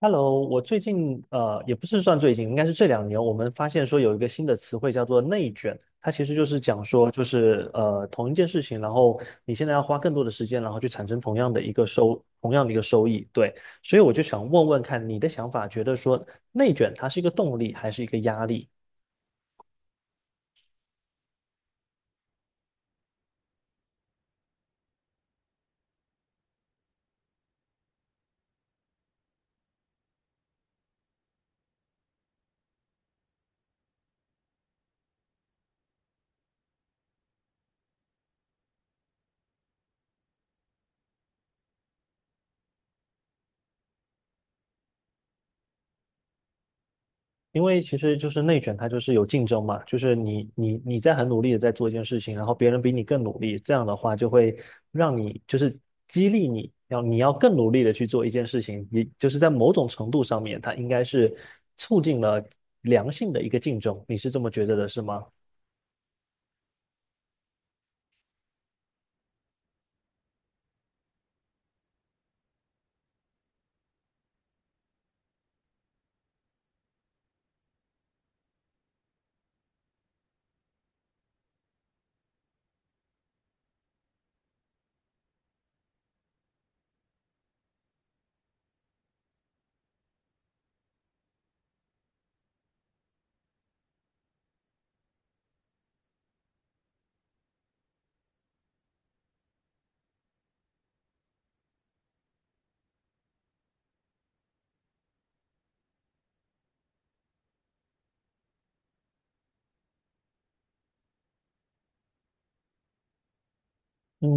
Hello，我最近也不是算最近，应该是这2年，我们发现说有一个新的词汇叫做内卷，它其实就是讲说就是同一件事情，然后你现在要花更多的时间，然后去产生同样的一个收益，对，所以我就想问问看你的想法，觉得说内卷它是一个动力还是一个压力？因为其实就是内卷，它就是有竞争嘛，就是你在很努力的在做一件事情，然后别人比你更努力，这样的话就会让你就是激励你要更努力的去做一件事情，你就是在某种程度上面，它应该是促进了良性的一个竞争，你是这么觉得的，是吗？嗯，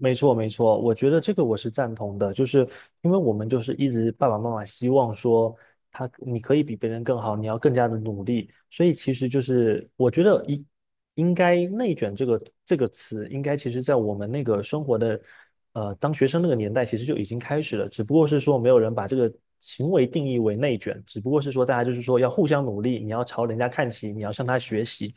没错没错，我觉得这个我是赞同的，就是因为我们就是一直爸爸妈妈希望说他你可以比别人更好，你要更加的努力，所以其实就是我觉得应该内卷这个词，应该其实在我们那个生活的当学生那个年代，其实就已经开始了，只不过是说没有人把这个行为定义为内卷，只不过是说大家就是说要互相努力，你要朝人家看齐，你要向他学习，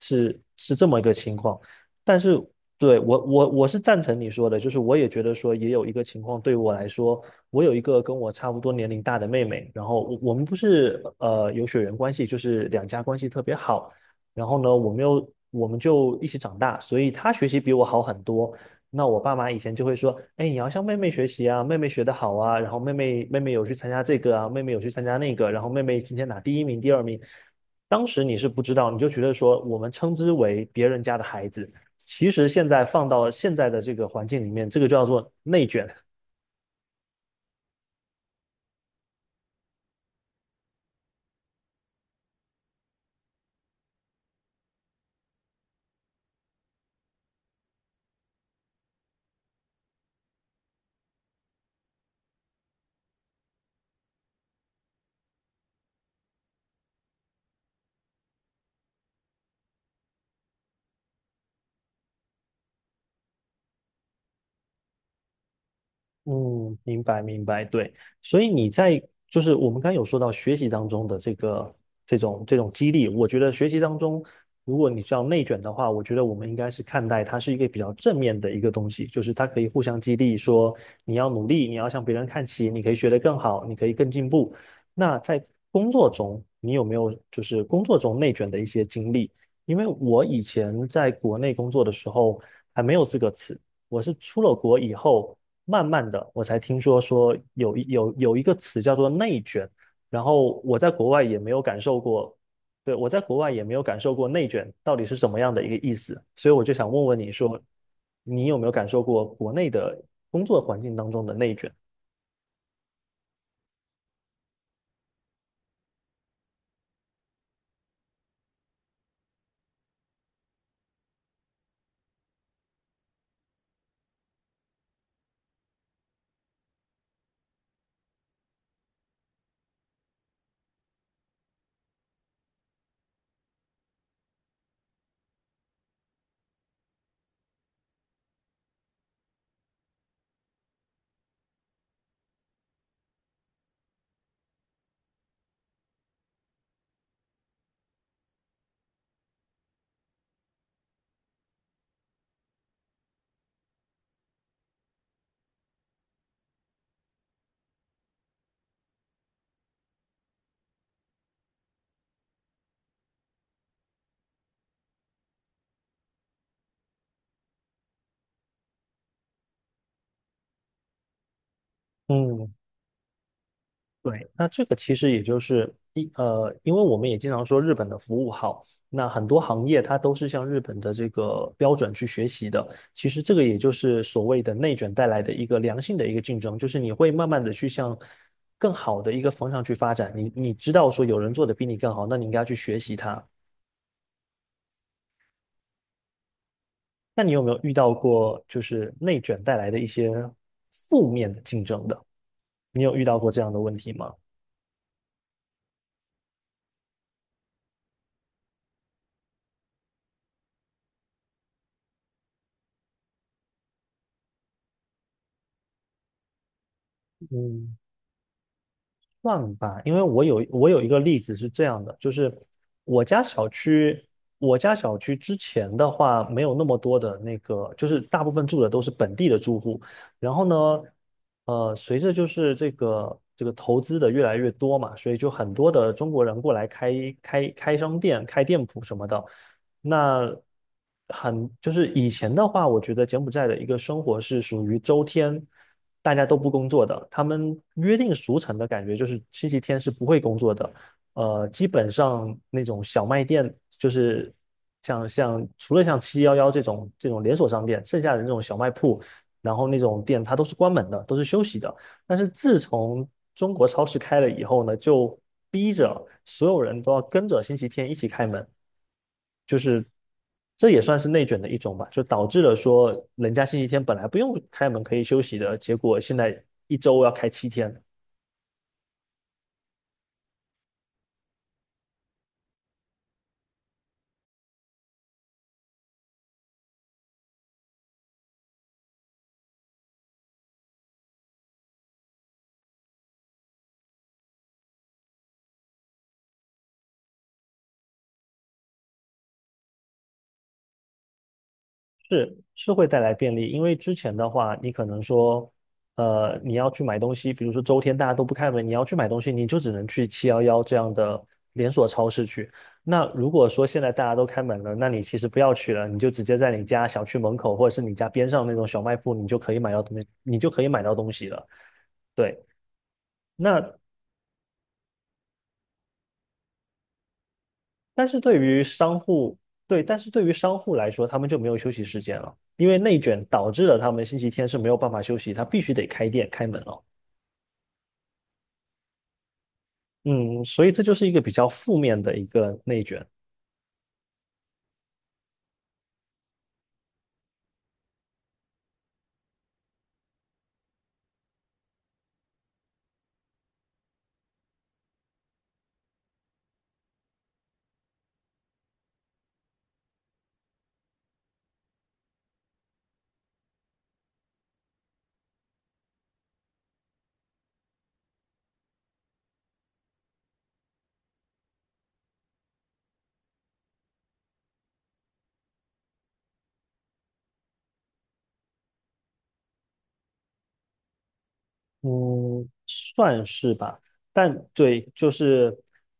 是这么一个情况。但是对，我是赞成你说的，就是我也觉得说也有一个情况对我来说，我有一个跟我差不多年龄大的妹妹，然后我们不是有血缘关系，就是两家关系特别好，然后呢，我们就一起长大，所以她学习比我好很多。那我爸妈以前就会说，哎，你要向妹妹学习啊，妹妹学得好啊，然后妹妹有去参加这个啊，妹妹有去参加那个，然后妹妹今天拿第一名、第二名。当时你是不知道，你就觉得说我们称之为别人家的孩子。其实现在放到现在的这个环境里面，这个就叫做内卷，嗯，明白明白，对，所以你在就是我们刚刚有说到学习当中的这个这种激励，我觉得学习当中，如果你是要内卷的话，我觉得我们应该是看待它是一个比较正面的一个东西，就是它可以互相激励，说你要努力，你要向别人看齐，你可以学得更好，你可以更进步。那在工作中，你有没有就是工作中内卷的一些经历？因为我以前在国内工作的时候还没有这个词。我是出了国以后，慢慢的，我才听说有一个词叫做内卷，然后我在国外也没有感受过，对，我在国外也没有感受过内卷到底是什么样的一个意思，所以我就想问问你说，你有没有感受过国内的工作环境当中的内卷？嗯对，那这个其实也就是因为我们也经常说日本的服务好，那很多行业它都是向日本的这个标准去学习的。其实这个也就是所谓的内卷带来的一个良性的一个竞争，就是你会慢慢的去向更好的一个方向去发展。你知道说有人做的比你更好，那你应该去学习他。那你有没有遇到过就是内卷带来的一些负面的竞争的？你有遇到过这样的问题吗？嗯算吧，因为我有一个例子是这样的，就是我家小区，我家小区之前的话没有那么多的那个，就是大部分住的都是本地的住户。然后呢，随着就是这个投资的越来越多嘛，所以就很多的中国人过来开商店、开店铺什么的。那就是以前的话，我觉得柬埔寨的一个生活是属于周天大家都不工作的，他们约定俗成的感觉就是星期天是不会工作的。基本上那种小卖店，就是像除了像七幺幺这种连锁商店，剩下的那种小卖铺，然后那种店它都是关门的，都是休息的。但是自从中国超市开了以后呢，就逼着所有人都要跟着星期天一起开门。就是这也算是内卷的一种吧，就导致了说人家星期天本来不用开门可以休息的，结果现在1周要开7天，是会带来便利，因为之前的话，你可能说，你要去买东西，比如说周天大家都不开门，你要去买东西，你就只能去七幺幺这样的连锁超市去。那如果说现在大家都开门了，那你其实不要去了，你就直接在你家小区门口或者是你家边上那种小卖部，你就可以买到东西，你就可以买到东西了。对，那但是对于商户，对，但是对于商户来说，他们就没有休息时间了，因为内卷导致了他们星期天是没有办法休息，他必须得开店开门了。嗯，所以这就是一个比较负面的一个内卷。嗯，算是吧，对，就是，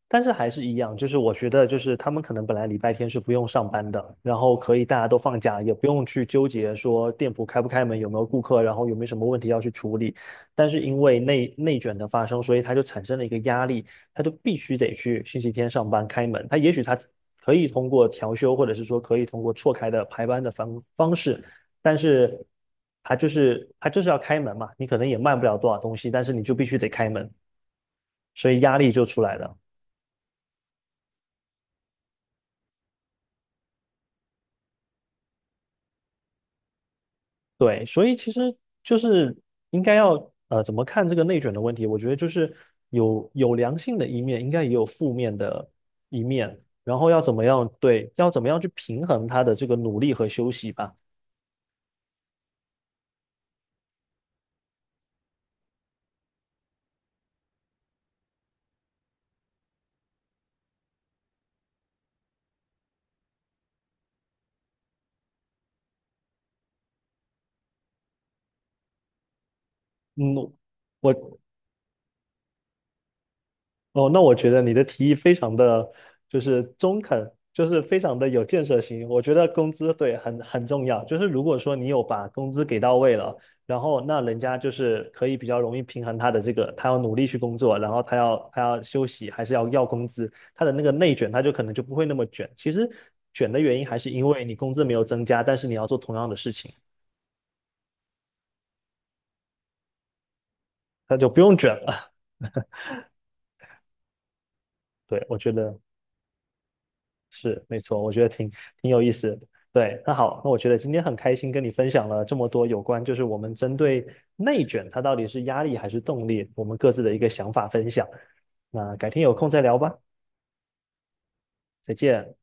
但是还是一样，就是我觉得，就是他们可能本来礼拜天是不用上班的，然后可以大家都放假，也不用去纠结说店铺开不开门，有没有顾客，然后有没有什么问题要去处理。但是因为内卷的发生，所以他就产生了一个压力，他就必须得去星期天上班开门。他也许可以通过调休，或者是说可以通过错开的排班的方式。但是它就是要开门嘛，你可能也卖不了多少东西，但是你就必须得开门，所以压力就出来了。对，所以其实就是应该要怎么看这个内卷的问题？我觉得就是有良性的一面，应该也有负面的一面，然后要怎么样对，要怎么样去平衡他的这个努力和休息吧。嗯，我哦，那我觉得你的提议非常的就是中肯，就是非常的有建设性。我觉得工资对很重要，就是如果说你有把工资给到位了，然后那人家就是可以比较容易平衡他的这个，他要努力去工作，然后他要休息，还是要工资，他的那个内卷他就可能就不会那么卷。其实卷的原因还是因为你工资没有增加，但是你要做同样的事情，那就不用卷了。对，我觉得。是，没错，我觉得挺有意思的。对，那好，那我觉得今天很开心跟你分享了这么多有关，就是我们针对内卷它到底是压力还是动力，我们各自的一个想法分享。那改天有空再聊吧，再见。